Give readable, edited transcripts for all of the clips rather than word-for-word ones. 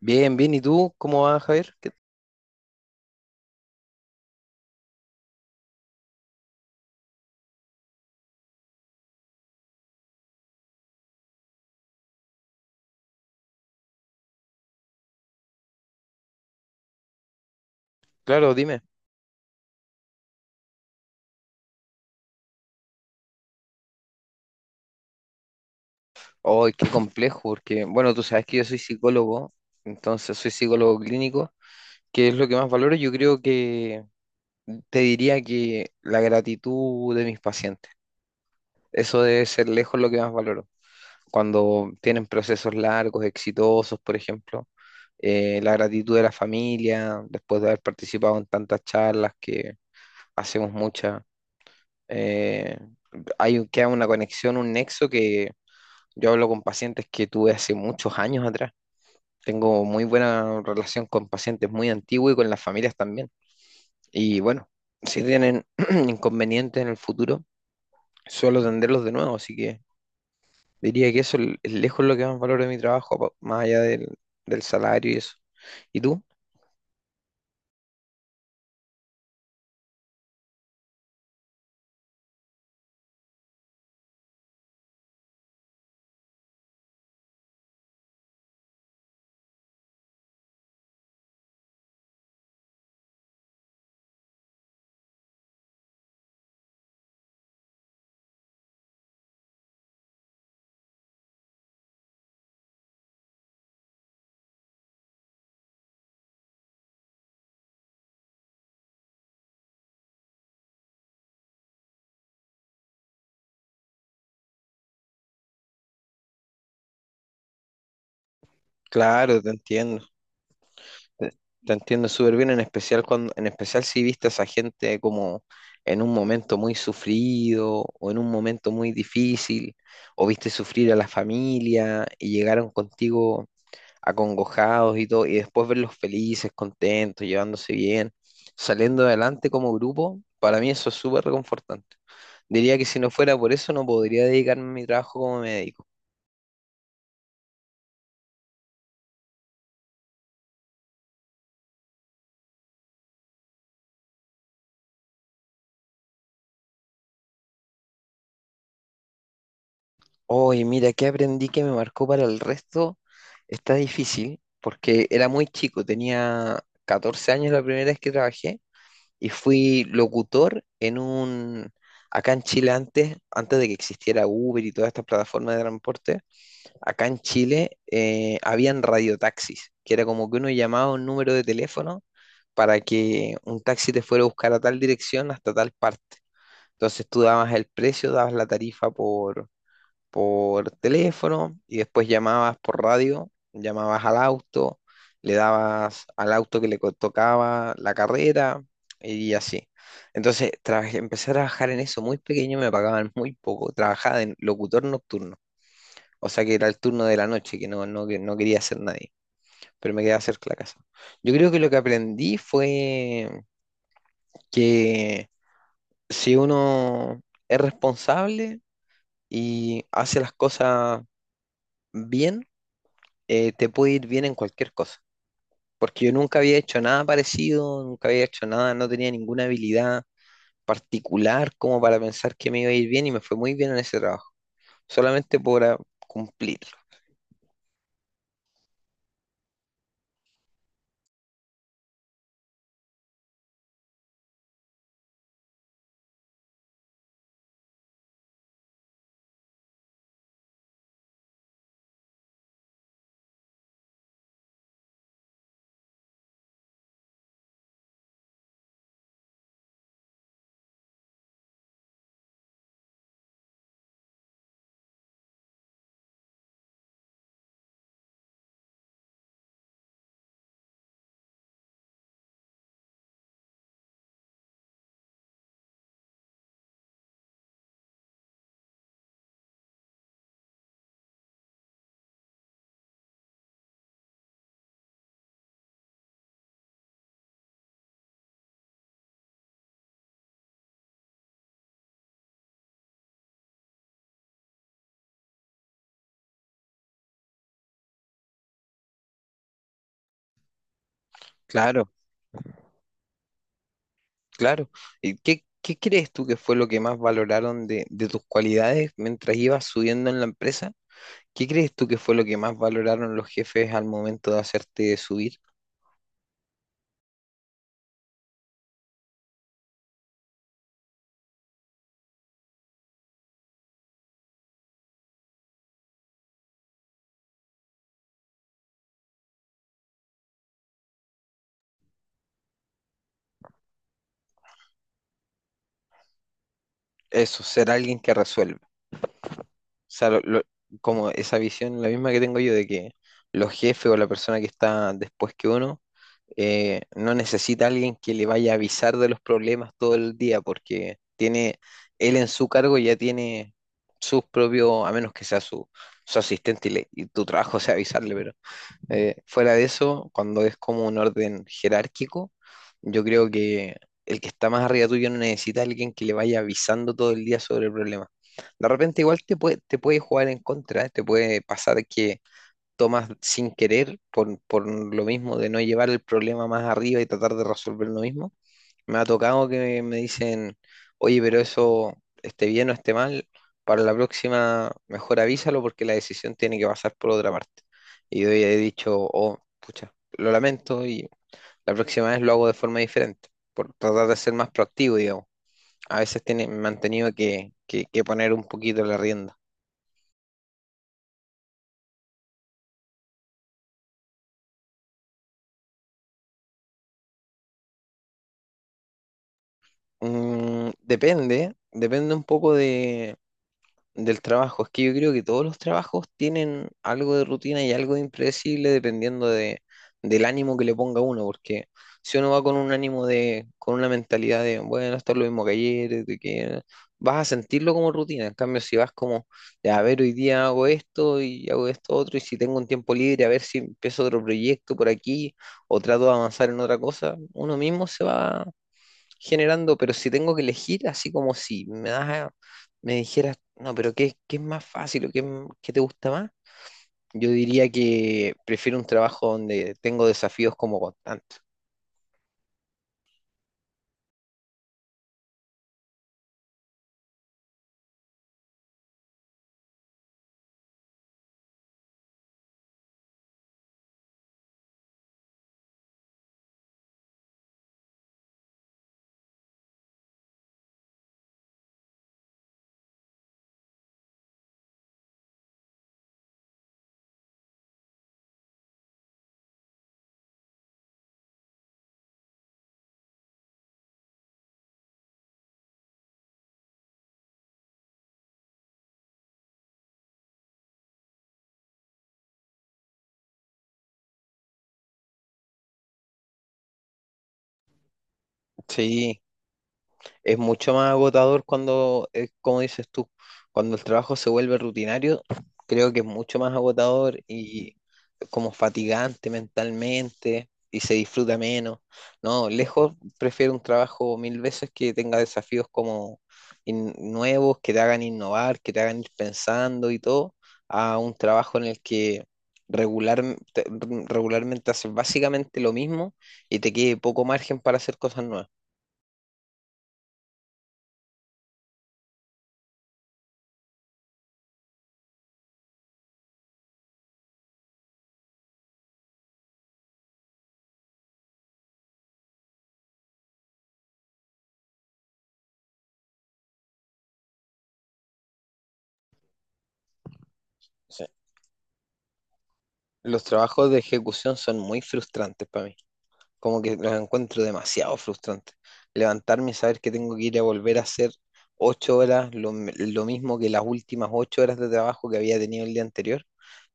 Bien, bien. ¿Y tú cómo vas, Javier? Claro, dime. Oh, qué complejo, porque, bueno, tú sabes que yo soy psicólogo, entonces soy psicólogo clínico, que es lo que más valoro. Yo creo que te diría que la gratitud de mis pacientes, eso debe ser lejos lo que más valoro. Cuando tienen procesos largos, exitosos, por ejemplo, la gratitud de la familia, después de haber participado en tantas charlas que hacemos muchas, eh, queda una conexión, un nexo que Yo hablo con pacientes que tuve hace muchos años atrás. Tengo muy buena relación con pacientes muy antiguos y con las familias también. Y bueno, si tienen inconvenientes en el futuro, suelo atenderlos de nuevo. Así que diría que eso es lejos lo que más valoro de mi trabajo, más allá del salario y eso. ¿Y tú? Claro, te entiendo. Te, te entiendo súper bien, en especial si viste a esa gente como en un momento muy sufrido o en un momento muy difícil, o viste sufrir a la familia y llegaron contigo acongojados y todo, y después verlos felices, contentos, llevándose bien, saliendo adelante como grupo, para mí eso es súper reconfortante. Diría que si no fuera por eso no podría dedicarme a mi trabajo como médico. Oye, mira, ¿qué aprendí que me marcó para el resto? Está difícil porque era muy chico, tenía 14 años la primera vez que trabajé y fui locutor. Acá en Chile antes de que existiera Uber y todas estas plataformas de transporte, acá en Chile, habían radiotaxis, que era como que uno llamaba a un número de teléfono para que un taxi te fuera a buscar a tal dirección hasta tal parte. Entonces tú dabas el precio, dabas la tarifa por teléfono y después llamabas por radio, llamabas al auto, le dabas al auto que tocaba la carrera y así. Entonces, empecé a trabajar en eso muy pequeño, me pagaban muy poco. Trabajaba en locutor nocturno, o sea que era el turno de la noche, que que no quería hacer nadie, pero me quedaba cerca de la casa. Yo creo que lo que aprendí fue que si uno es responsable y hace las cosas bien, te puede ir bien en cualquier cosa. Porque yo nunca había hecho nada parecido, nunca había hecho nada, no tenía ninguna habilidad particular como para pensar que me iba a ir bien y me fue muy bien en ese trabajo, solamente por cumplirlo. Claro, claro. ¿Y qué crees tú que fue lo que más valoraron de tus cualidades mientras ibas subiendo en la empresa? ¿Qué crees tú que fue lo que más valoraron los jefes al momento de hacerte subir? Eso, ser alguien que resuelve. Sea, como esa visión, la misma que tengo yo de que los jefes o la persona que está después que uno no necesita a alguien que le vaya a avisar de los problemas todo el día, porque tiene él en su cargo ya tiene sus propios, a menos que sea su asistente y tu trabajo sea avisarle, pero fuera de eso, cuando es como un orden jerárquico, yo creo que el que está más arriba tuyo no necesita a alguien que le vaya avisando todo el día sobre el problema. De repente igual te puede jugar en contra, te puede pasar que tomas sin querer por lo mismo de no llevar el problema más arriba y tratar de resolverlo mismo, me ha tocado que me dicen, oye, pero eso esté bien o esté mal, para la próxima mejor avísalo porque la decisión tiene que pasar por otra parte. Y yo ya he dicho, oh, pucha, lo lamento y la próxima vez lo hago de forma diferente, por tratar de ser más proactivo, digamos. A veces me han tenido que poner un poquito la rienda. Depende un poco del trabajo, es que yo creo que todos los trabajos tienen algo de rutina y algo de impredecible dependiendo del ánimo que le ponga uno, porque si uno va con una mentalidad de, bueno, esto es lo mismo que ayer, de que vas a sentirlo como rutina, en cambio si vas a ver, hoy día hago esto y hago esto otro, y si tengo un tiempo libre, a ver si empiezo otro proyecto por aquí o trato de avanzar en otra cosa, uno mismo se va generando, pero si tengo que elegir, así como si me dijeras, no, pero ¿qué es más fácil o qué te gusta más? Yo diría que prefiero un trabajo donde tengo desafíos como constantes. Sí, es mucho más agotador cuando, como dices tú, cuando el trabajo se vuelve rutinario, creo que es mucho más agotador y como fatigante mentalmente y se disfruta menos. No, lejos prefiero un trabajo mil veces que tenga desafíos como nuevos, que te hagan innovar, que te hagan ir pensando y todo, a un trabajo en el que regular, te- regularmente haces básicamente lo mismo y te quede poco margen para hacer cosas nuevas. Sí. Los trabajos de ejecución son muy frustrantes para mí. Como que los encuentro demasiado frustrantes. Levantarme y saber que tengo que ir a volver a hacer ocho horas, lo mismo que las últimas ocho horas de trabajo que había tenido el día anterior.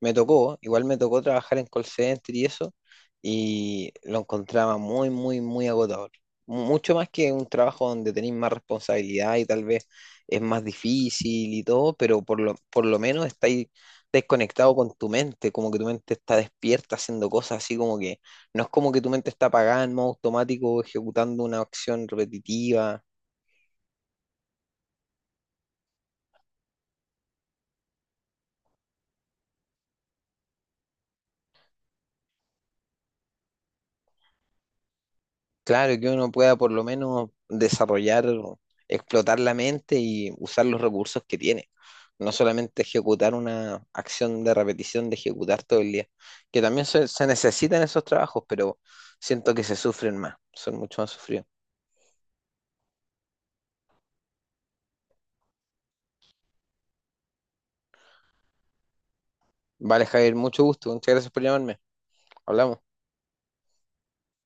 Igual me tocó trabajar en call center y eso, y lo encontraba muy, muy, muy agotador. Mucho más que un trabajo donde tenéis más responsabilidad y tal vez es más difícil y todo, pero por lo menos estáis desconectado con tu mente, como que tu mente está despierta haciendo cosas así como que no es como que tu mente está apagada en modo automático ejecutando una acción repetitiva. Claro, que uno pueda por lo menos desarrollar, explotar la mente y usar los recursos que tiene. No solamente ejecutar una acción de repetición, de ejecutar todo el día. Que también se necesitan esos trabajos, pero siento que se sufren más, son mucho más sufridos. Vale, Javier, mucho gusto. Muchas gracias por llamarme. Hablamos.